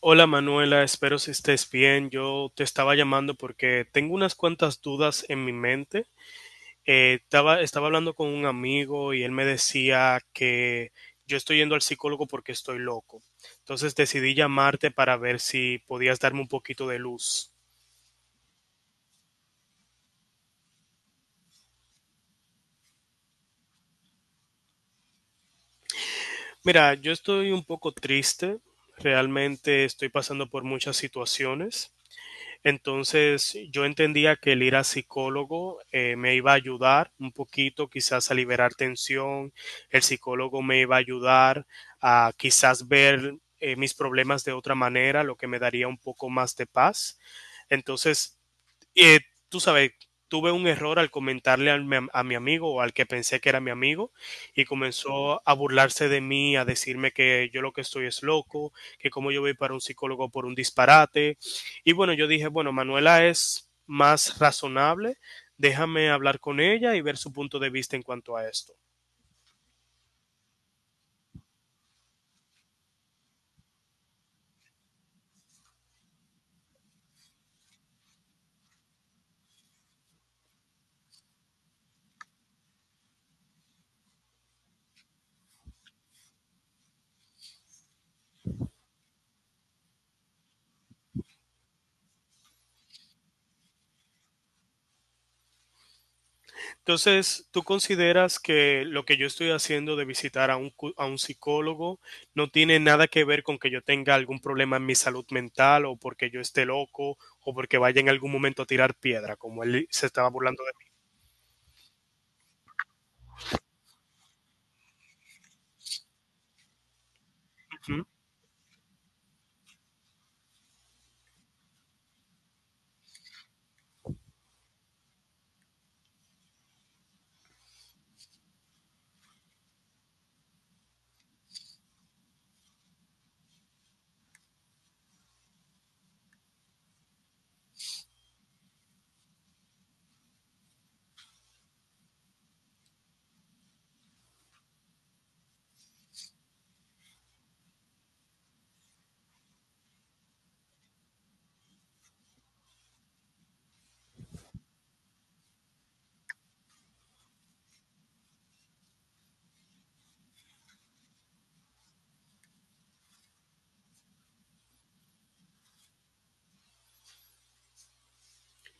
Hola Manuela, espero que estés bien. Yo te estaba llamando porque tengo unas cuantas dudas en mi mente. Estaba hablando con un amigo y él me decía que yo estoy yendo al psicólogo porque estoy loco. Entonces decidí llamarte para ver si podías darme un poquito de luz. Mira, yo estoy un poco triste. Realmente estoy pasando por muchas situaciones. Entonces yo entendía que el ir a psicólogo me iba a ayudar un poquito quizás a liberar tensión, el psicólogo me iba a ayudar a quizás ver mis problemas de otra manera, lo que me daría un poco más de paz. Entonces, eh, tú sabes, tuve un error al comentarle a mi amigo o al que pensé que era mi amigo, y comenzó a burlarse de mí, a decirme que yo lo que estoy es loco, que como yo voy para un psicólogo por un disparate. Y bueno, yo dije, bueno, Manuela es más razonable, déjame hablar con ella y ver su punto de vista en cuanto a esto. Entonces, ¿tú consideras que lo que yo estoy haciendo de visitar a a un psicólogo no tiene nada que ver con que yo tenga algún problema en mi salud mental o porque yo esté loco o porque vaya en algún momento a tirar piedra, como él se estaba burlando de mí? Ujú.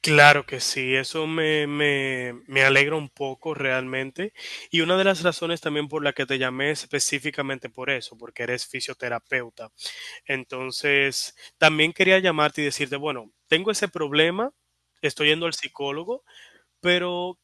Claro que sí, eso me alegra un poco realmente. Y una de las razones también por la que te llamé es específicamente por eso, porque eres fisioterapeuta. Entonces, también quería llamarte y decirte, bueno, tengo ese problema, estoy yendo al psicólogo, pero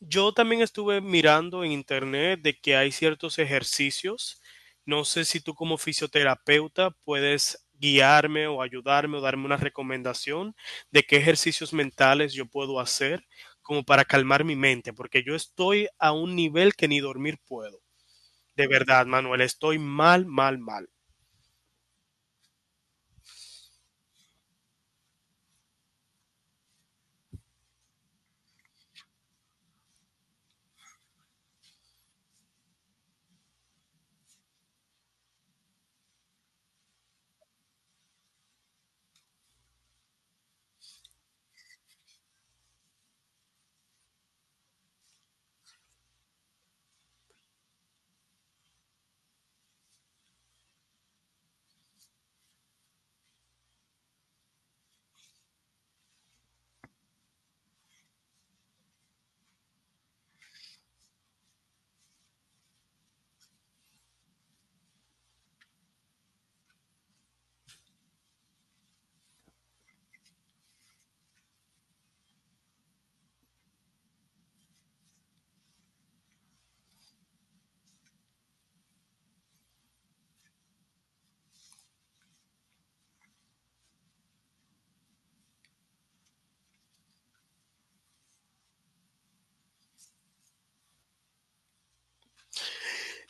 yo también estuve mirando en internet de que hay ciertos ejercicios. No sé si tú como fisioterapeuta puedes guiarme o ayudarme o darme una recomendación de qué ejercicios mentales yo puedo hacer como para calmar mi mente, porque yo estoy a un nivel que ni dormir puedo. De verdad, Manuel, estoy mal, mal, mal.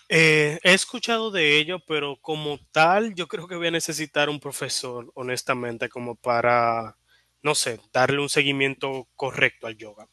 He escuchado de ello, pero como tal, yo creo que voy a necesitar un profesor, honestamente, como no sé, darle un seguimiento correcto al yoga.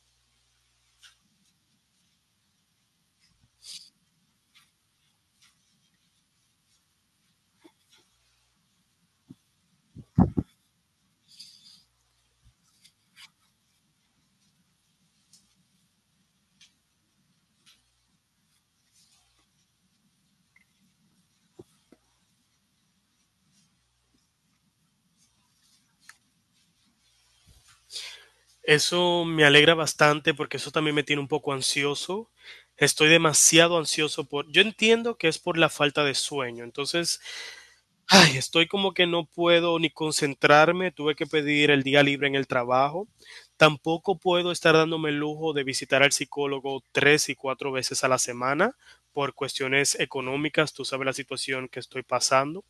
Eso me alegra bastante porque eso también me tiene un poco ansioso. Estoy demasiado ansioso por... Yo entiendo que es por la falta de sueño. Entonces, ay, estoy como que no puedo ni concentrarme, tuve que pedir el día libre en el trabajo. Tampoco puedo estar dándome el lujo de visitar al psicólogo tres y cuatro veces a la semana por cuestiones económicas. Tú sabes la situación que estoy pasando,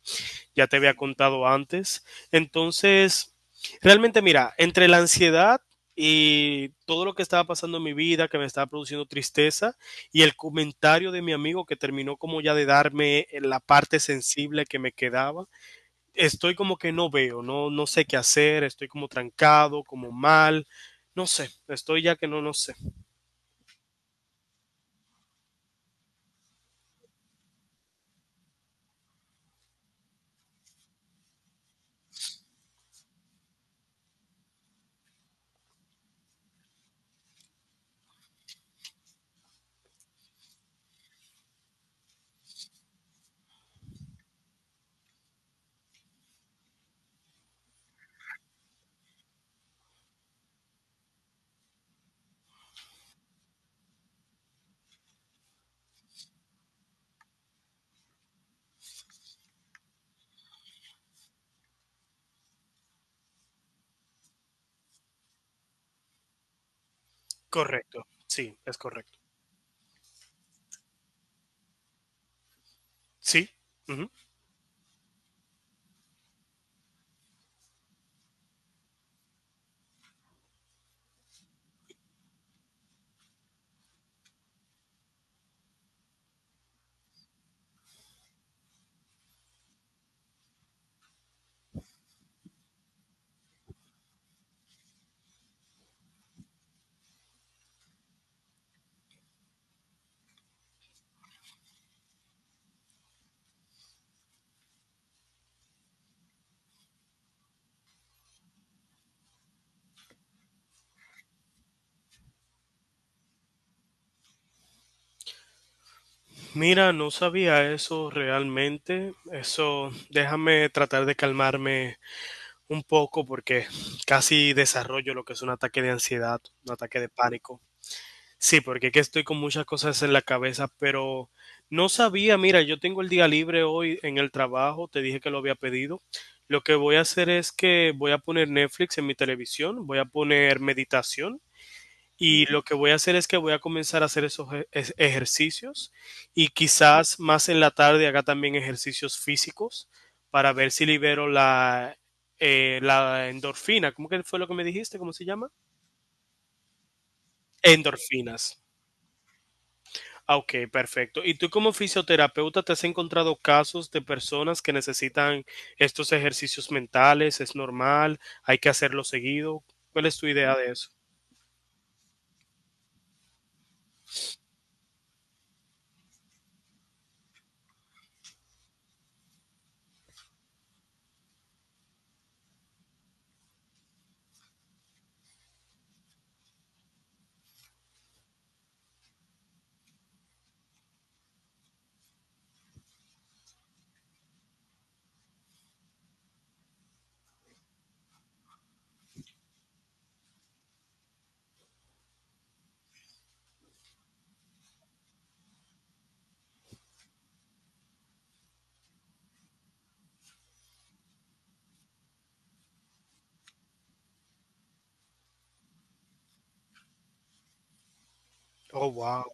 ya te había contado antes. Entonces, realmente mira, entre la ansiedad y todo lo que estaba pasando en mi vida, que me estaba produciendo tristeza, y el comentario de mi amigo que terminó como ya de darme la parte sensible que me quedaba, estoy como que no veo, no, no sé qué hacer, estoy como trancado, como mal, no sé, estoy ya que no, no sé. Correcto, sí, es correcto. Sí, ujú. Mira, no sabía eso realmente. Eso, déjame tratar de calmarme un poco porque casi desarrollo lo que es un ataque de ansiedad, un ataque de pánico. Sí, porque que estoy con muchas cosas en la cabeza, pero no sabía, mira, yo tengo el día libre hoy en el trabajo, te dije que lo había pedido. Lo que voy a hacer es que voy a poner Netflix en mi televisión, voy a poner meditación, y lo que voy a hacer es que voy a comenzar a hacer ejercicios, y quizás más en la tarde haga también ejercicios físicos para ver si libero la endorfina. ¿Cómo que fue lo que me dijiste? ¿Cómo se llama? Endorfinas. Ah, ok, perfecto. ¿Y tú como fisioterapeuta te has encontrado casos de personas que necesitan estos ejercicios mentales? ¿Es normal? ¿Hay que hacerlo seguido? ¿Cuál es tu idea de eso? Oh, wow.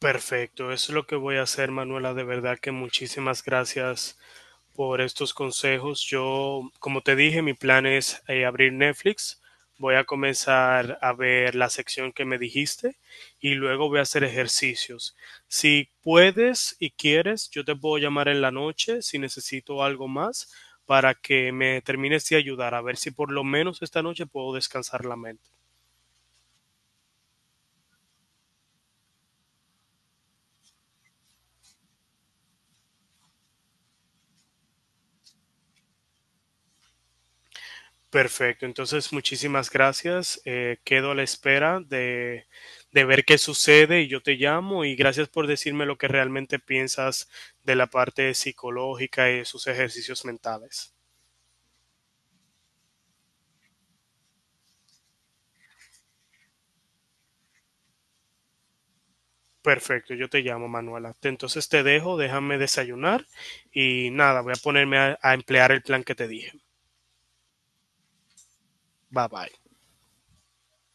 Perfecto. Eso es lo que voy a hacer, Manuela. De verdad que muchísimas gracias por estos consejos. Yo, como te dije, mi plan es abrir Netflix. Voy a comenzar a ver la sección que me dijiste y luego voy a hacer ejercicios. Si puedes y quieres, yo te puedo llamar en la noche si necesito algo más para que me termines de ayudar, a ver si por lo menos esta noche puedo descansar la mente. Perfecto, entonces muchísimas gracias. Quedo a la espera de ver qué sucede y yo te llamo, y gracias por decirme lo que realmente piensas de la parte psicológica y de sus ejercicios mentales. Perfecto, yo te llamo Manuela. Entonces te dejo, déjame desayunar y nada, voy a ponerme a emplear el plan que te dije. Bye bye.